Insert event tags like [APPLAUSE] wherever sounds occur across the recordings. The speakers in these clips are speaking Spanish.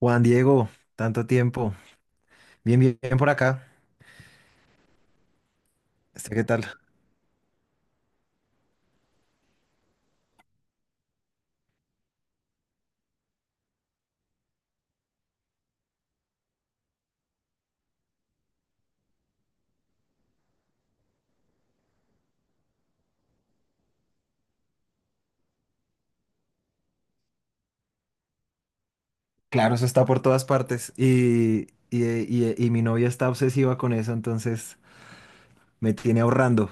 Juan Diego, tanto tiempo. Bien, bien, bien por acá. Este, ¿qué tal? Claro, eso está por todas partes. Y mi novia está obsesiva con eso, entonces me tiene ahorrando.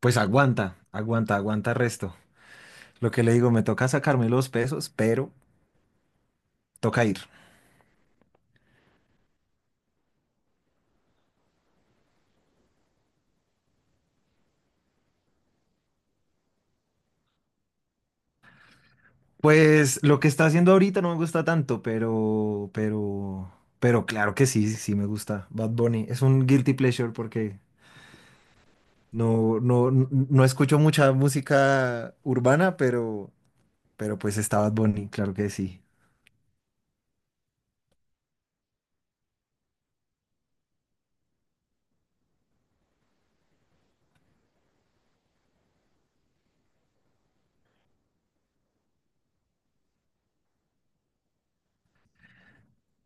Pues aguanta, aguanta, aguanta resto. Lo que le digo, me toca sacarme los pesos, pero toca ir. Pues lo que está haciendo ahorita no me gusta tanto, pero claro que sí, sí me gusta. Bad Bunny es un guilty pleasure porque no, no, no escucho mucha música urbana, pero pues está Bad Bunny, claro que sí.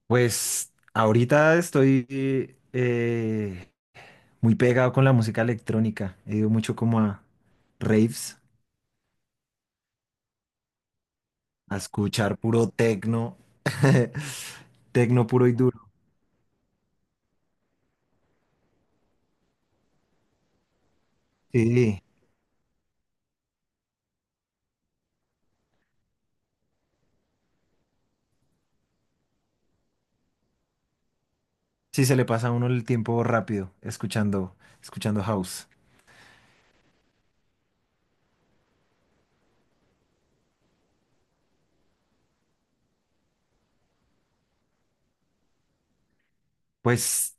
Pues ahorita estoy eh, muy pegado con la música electrónica. He ido mucho como a raves, a escuchar puro tecno, [LAUGHS] tecno puro y duro. Sí, sí se le pasa a uno el tiempo rápido escuchando, escuchando house. Pues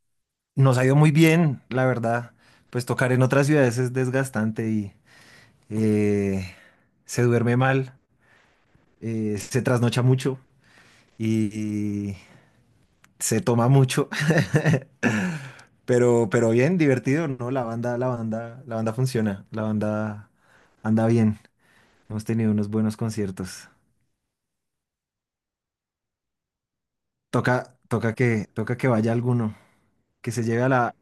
nos ha ido muy bien, la verdad. Pues tocar en otras ciudades es desgastante y eh, se duerme mal, se trasnocha mucho. Y se toma mucho. [LAUGHS] Pero bien, divertido, ¿no? La banda funciona, la banda anda bien. Hemos tenido unos buenos conciertos. Toca que vaya alguno, que se lleve a la,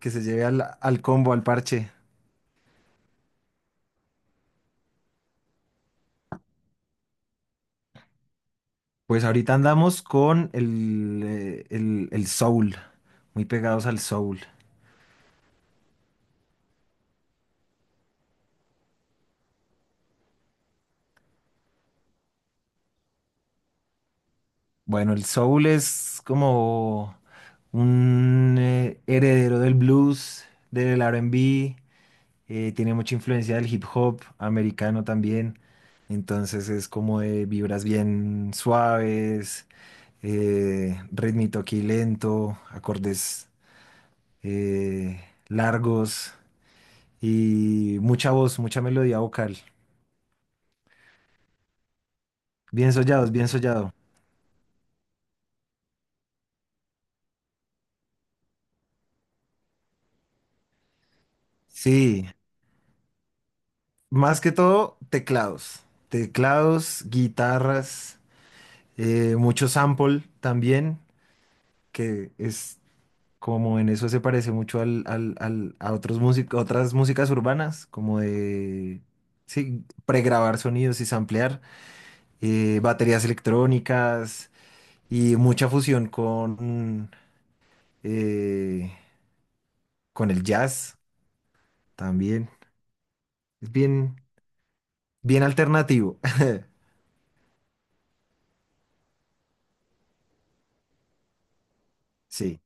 que se lleve al combo, al parche. Pues ahorita andamos con el soul, muy pegados al soul. Bueno, el soul es como un heredero del blues, del R&B, tiene mucha influencia del hip hop americano también, entonces es como de vibras bien suaves, ritmito aquí lento, acordes eh, largos y mucha voz, mucha melodía vocal, bien sollados, bien sollado. Sí, más que todo teclados, teclados, guitarras. Mucho sample también, que es como en eso se parece mucho a otras músicas urbanas, como de sí, pregrabar sonidos y samplear, baterías electrónicas y mucha fusión eh, con el jazz también. Es bien, bien alternativo. [LAUGHS] Sí,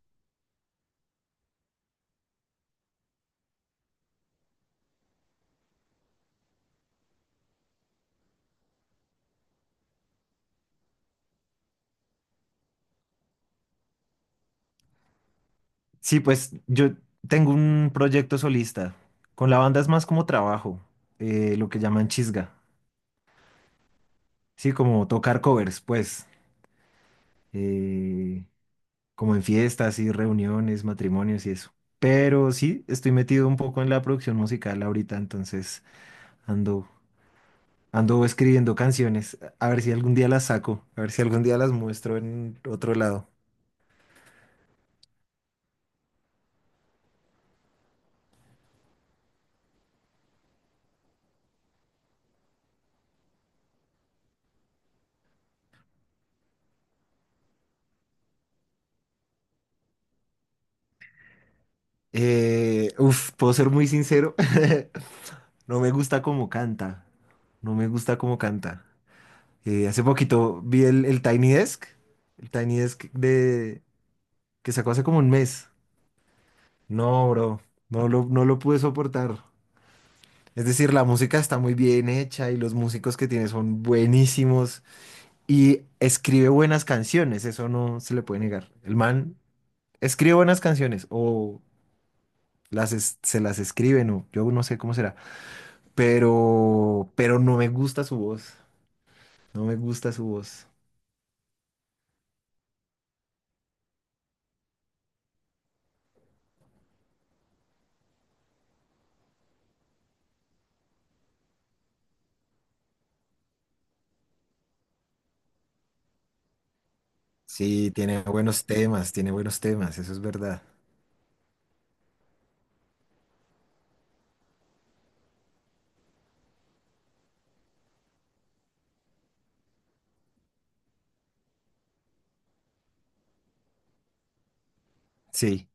sí, pues yo tengo un proyecto solista. Con la banda es más como trabajo, lo que llaman chisga. Sí, como tocar covers, pues, eh, como en fiestas y reuniones, matrimonios y eso. Pero sí, estoy metido un poco en la producción musical ahorita, entonces ando, ando escribiendo canciones. A ver si algún día las saco, a ver si algún día las muestro en otro lado. Puedo ser muy sincero, [LAUGHS] no me gusta cómo canta, no me gusta cómo canta. Hace poquito vi el Tiny Desk, el Tiny Desk de, que sacó hace como un mes. No, bro, no lo pude soportar. Es decir, la música está muy bien hecha y los músicos que tiene son buenísimos y escribe buenas canciones, eso no se le puede negar. El man escribe buenas canciones o se las escriben o yo no sé cómo será, pero no me gusta su voz, no me gusta su voz. Sí, tiene buenos temas, eso es verdad. Sí.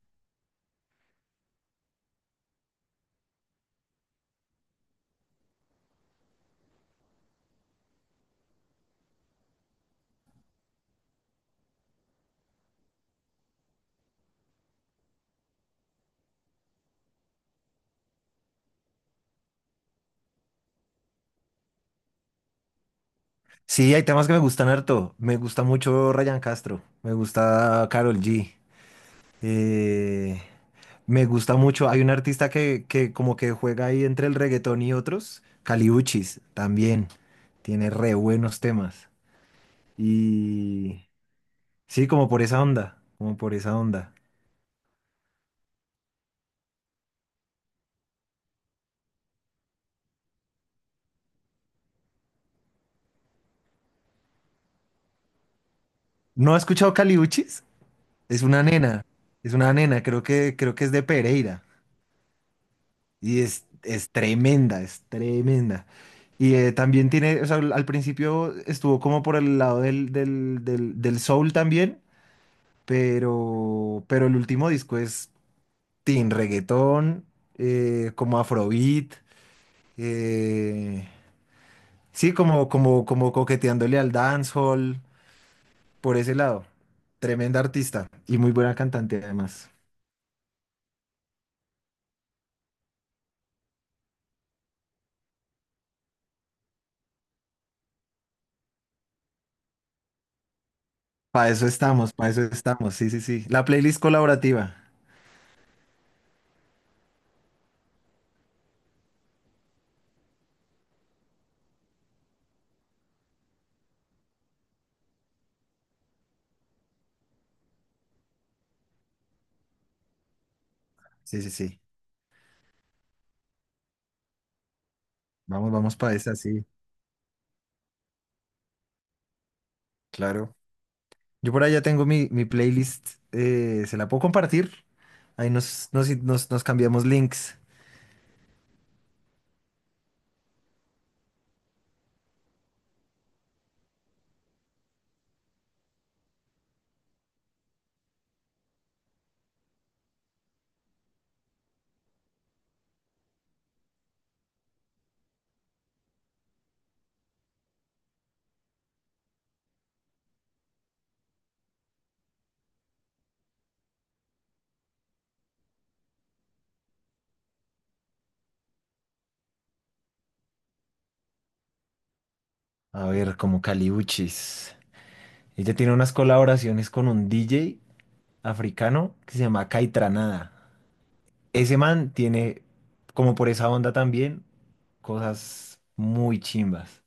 Sí, hay temas que me gustan harto. Me gusta mucho Ryan Castro. Me gusta Karol G. Eh, me gusta mucho. Hay un artista que como que juega ahí entre el reggaetón y otros. Caliuchis también. Tiene re buenos temas. Y sí, como por esa onda. Como por esa onda. ¿No has escuchado Caliuchis? Es una nena. Es una nena. Creo que es de Pereira. Y es tremenda, es tremenda. Y también tiene, o sea, al principio estuvo como por el lado del soul también. Pero el último disco es teen reggaetón, como afrobeat, eh, sí, como coqueteándole al dancehall, por ese lado. Tremenda artista y muy buena cantante además. Para eso estamos, sí, sí, sí. La playlist colaborativa, sí, sí, sí. Vamos, vamos para esa, sí, claro. Yo por allá tengo mi, mi playlist, ¿se la puedo compartir? Ahí nos cambiamos links. A ver, como caliuchis. Ella tiene unas colaboraciones con un DJ africano que se llama Caitranada. Ese man tiene, como por esa onda también, cosas muy chimbas.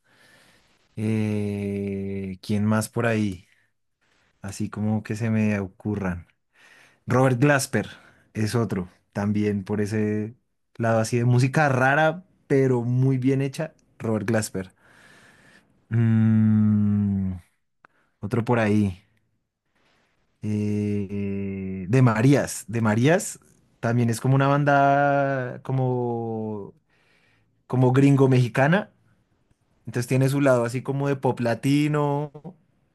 ¿Quién más por ahí? Así como que se me ocurran. Robert Glasper es otro, también por ese lado así de música rara, pero muy bien hecha. Robert Glasper. Mm, otro por ahí. Eh, de Marías. De Marías también es como una banda como, como gringo-mexicana. Entonces tiene su lado así como de pop latino,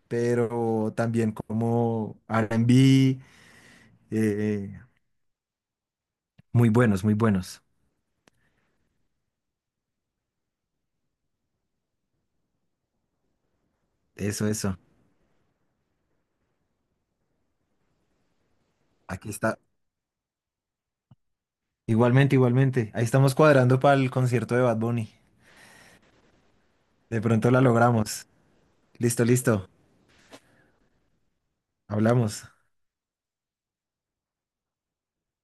pero también como R&B. eh, eh, muy buenos, muy buenos. Eso, eso. Aquí está. Igualmente, igualmente. Ahí estamos cuadrando para el concierto de Bad Bunny. De pronto la logramos. Listo, listo. Hablamos.